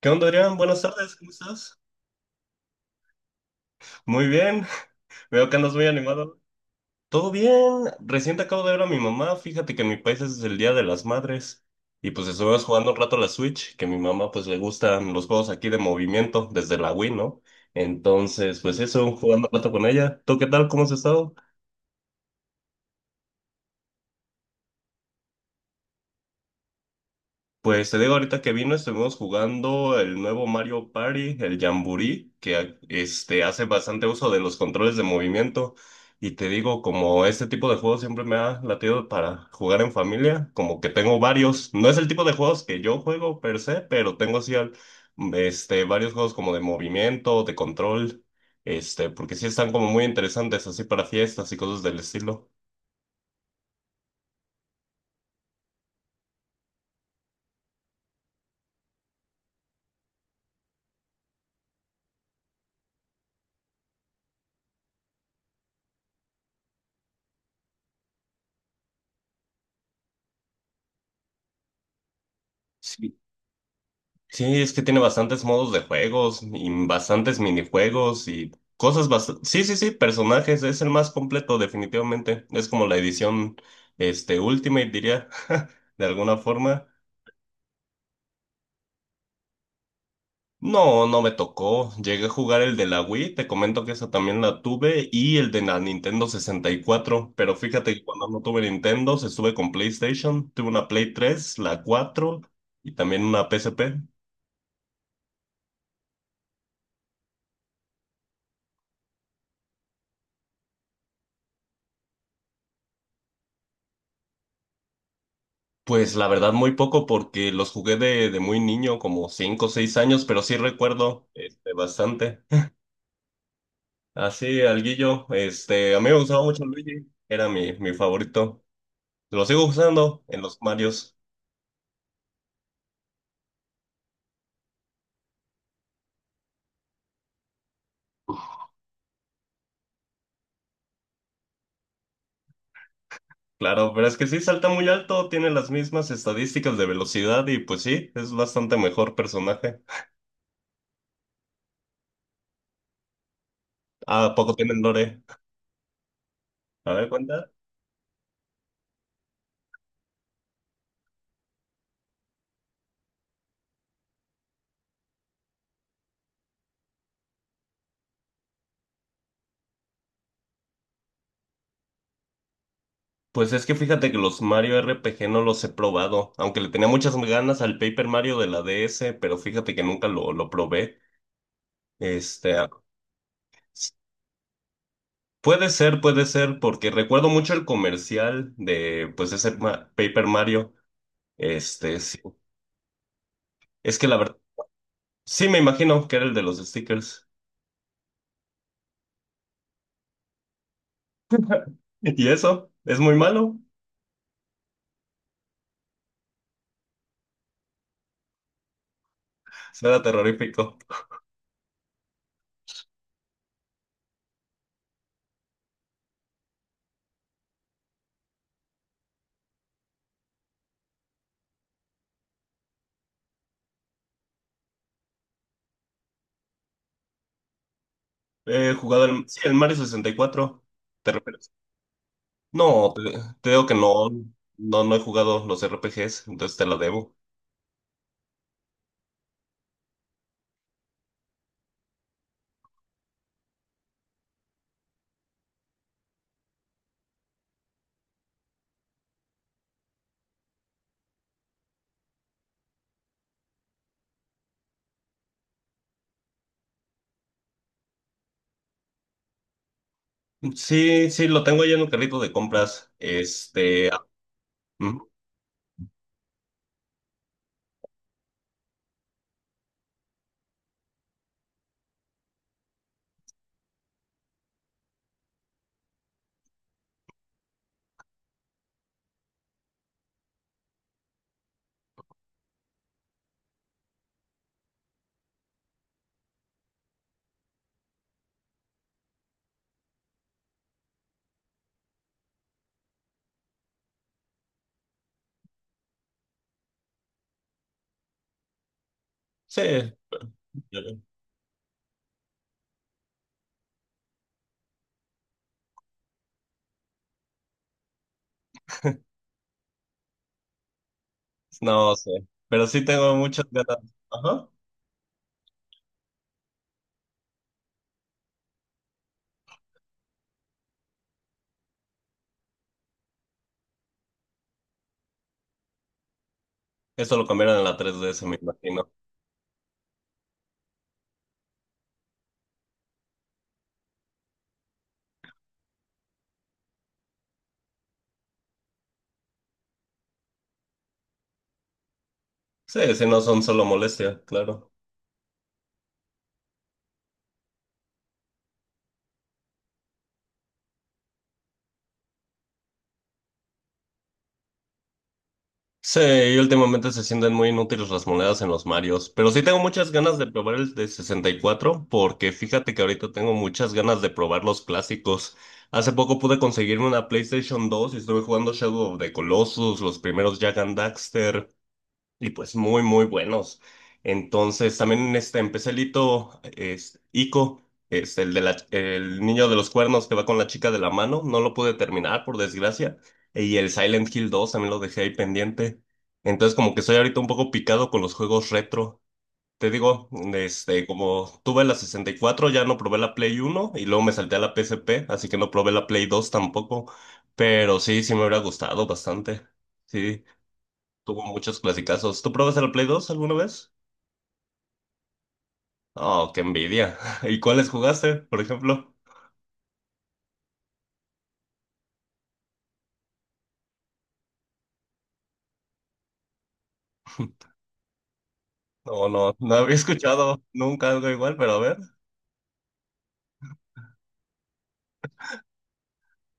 ¿Qué onda, Adrián? Buenas tardes, ¿cómo estás? Muy bien, veo que andas muy animado. Todo bien, recién te acabo de ver a mi mamá, fíjate que en mi país es el Día de las Madres y pues estuvimos jugando un rato a la Switch, que a mi mamá pues le gustan los juegos aquí de movimiento desde la Wii, ¿no? Entonces, pues eso, jugando un rato con ella. ¿Tú qué tal? ¿Cómo has estado? Pues te digo, ahorita que vino estuvimos jugando el nuevo Mario Party, el Jamboree, que hace bastante uso de los controles de movimiento. Y te digo, como este tipo de juegos siempre me ha latido para jugar en familia, como que tengo varios. No es el tipo de juegos que yo juego per se, pero tengo así varios juegos como de movimiento, de control, porque sí están como muy interesantes así para fiestas y cosas del estilo. Sí, es que tiene bastantes modos de juegos y bastantes minijuegos y cosas bastante. Sí, sí, sí, personajes, es el más completo definitivamente. Es como la edición, Ultimate, diría, de alguna forma. No, no me tocó. Llegué a jugar el de la Wii, te comento que esa también la tuve, y el de la Nintendo 64, pero fíjate que cuando no tuve Nintendo, se estuve con PlayStation, tuve una Play 3, la cuatro y también una PSP. Pues la verdad muy poco porque los jugué de muy niño, como 5 o 6 años, pero sí recuerdo bastante. Así, alguillo, a mí me gustaba mucho Luigi, era mi favorito. Lo sigo usando en los Marios, claro, pero es que sí salta muy alto, tiene las mismas estadísticas de velocidad y pues sí, es bastante mejor personaje. ¿A poco tienen lore? A ver, pues es que fíjate que los Mario RPG no los he probado, aunque le tenía muchas ganas al Paper Mario de la DS, pero fíjate que nunca lo probé. Este, a- s- puede ser, puede ser, porque recuerdo mucho el comercial de, pues, ese Paper Mario. Sí. Es que la verdad, sí me imagino que era el de los stickers. ¿Y eso? ¿Es muy malo? Será terrorífico. He jugado el, sí, el Mario 64. ¿Te refieres? No, te digo que no, no, no he jugado los RPGs, entonces te la debo. Sí, sí, lo tengo ya en un carrito de compras. Mm, sí, yo- no sé, pero sí tengo muchas ganas. Ajá, eso lo cambiaron en la DS me imagino. Sí, sí, no son solo molestia, claro. Sí, y últimamente se sienten muy inútiles las monedas en los Marios, pero sí tengo muchas ganas de probar el de 64 porque fíjate que ahorita tengo muchas ganas de probar los clásicos. Hace poco pude conseguirme una PlayStation 2 y estuve jugando Shadow of the Colossus, los primeros Jak and Daxter, y pues muy, muy buenos. Entonces también empecé el hito, es Ico, es el niño de los cuernos que va con la chica de la mano, no lo pude terminar por desgracia, y el Silent Hill 2 también lo dejé ahí pendiente. Entonces como que estoy ahorita un poco picado con los juegos retro. Te digo, como tuve la 64, ya no probé la Play 1 y luego me salté a la PSP, así que no probé la Play 2 tampoco, pero sí, sí me hubiera gustado bastante. Sí. Tuvo muchos clasicazos. ¿Tú probaste la Play 2 alguna vez? Oh, qué envidia. ¿Y cuáles jugaste, por ejemplo? No, no, no había escuchado nunca algo igual, pero a ver.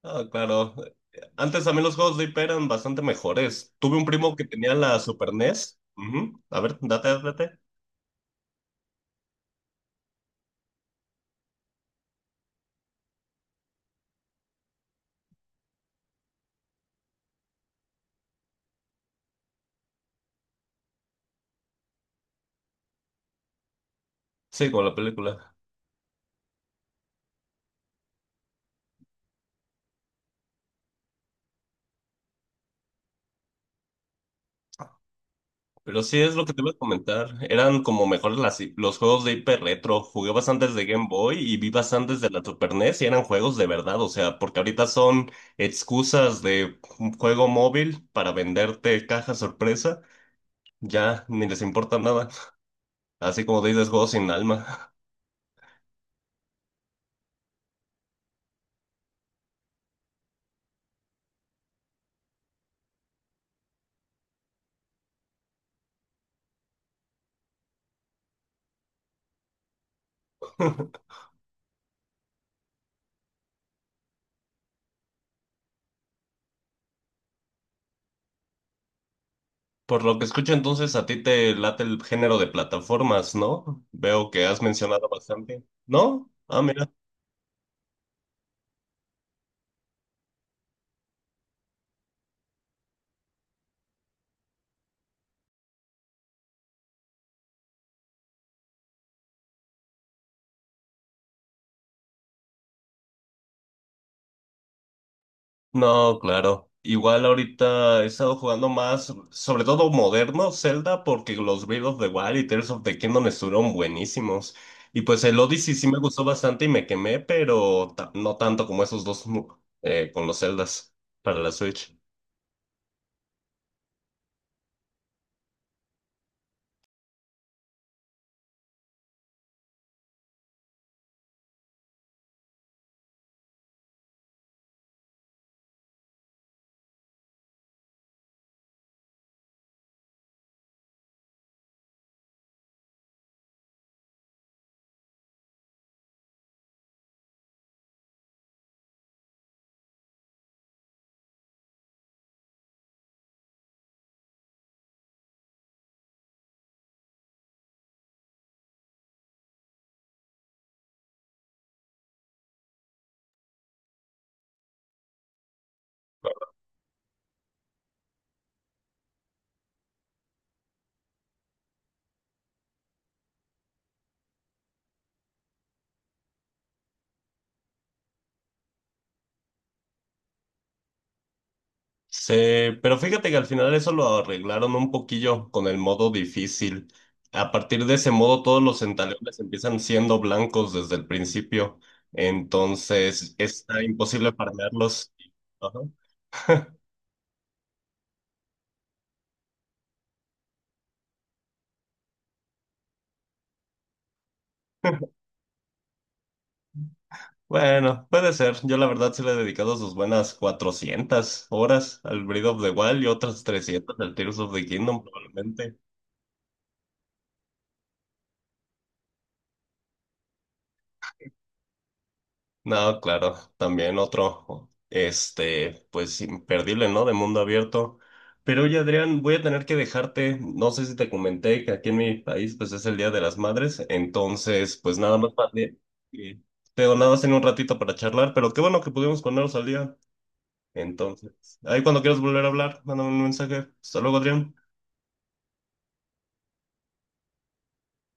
Ah, claro. Antes también los juegos de IP eran bastante mejores. Tuve un primo que tenía la Super NES. Ujú. A ver, date, date. Sí, con la película. Pero sí es lo que te iba a comentar. Eran como mejores los juegos de hiper retro. Jugué bastantes de Game Boy y vi bastantes de la Super NES y eran juegos de verdad. O sea, porque ahorita son excusas de un juego móvil para venderte caja sorpresa. Ya ni les importa nada. Así como dices, juegos sin alma. Por lo que escucho, entonces a ti te late el género de plataformas, ¿no? Veo que has mencionado bastante. ¿No? Ah, mira. No, claro. Igual ahorita he estado jugando más, sobre todo moderno Zelda, porque los Breath of the Wild y Tears of the Kingdom estuvieron buenísimos. Y pues el Odyssey sí me gustó bastante y me quemé, pero no tanto como esos dos con los Zeldas para la Switch. Sí, pero fíjate que al final eso lo arreglaron un poquillo con el modo difícil. A partir de ese modo, todos los centaleones empiezan siendo blancos desde el principio. Entonces, está imposible farmearlos. Ajá. Bueno, puede ser. Yo la verdad sí le he dedicado sus buenas 400 horas al Breath of the Wild y otras 300 al Tears of the Kingdom probablemente. No, claro, también otro, pues imperdible, ¿no? De mundo abierto. Pero oye, Adrián, voy a tener que dejarte. No sé si te comenté que aquí en mi país, pues es el Día de las Madres. Entonces, pues nada más para. Te nada más en un ratito para charlar, pero qué bueno que pudimos ponernos al día. Entonces, ahí cuando quieras volver a hablar, mándame un mensaje. Hasta luego, Adrián.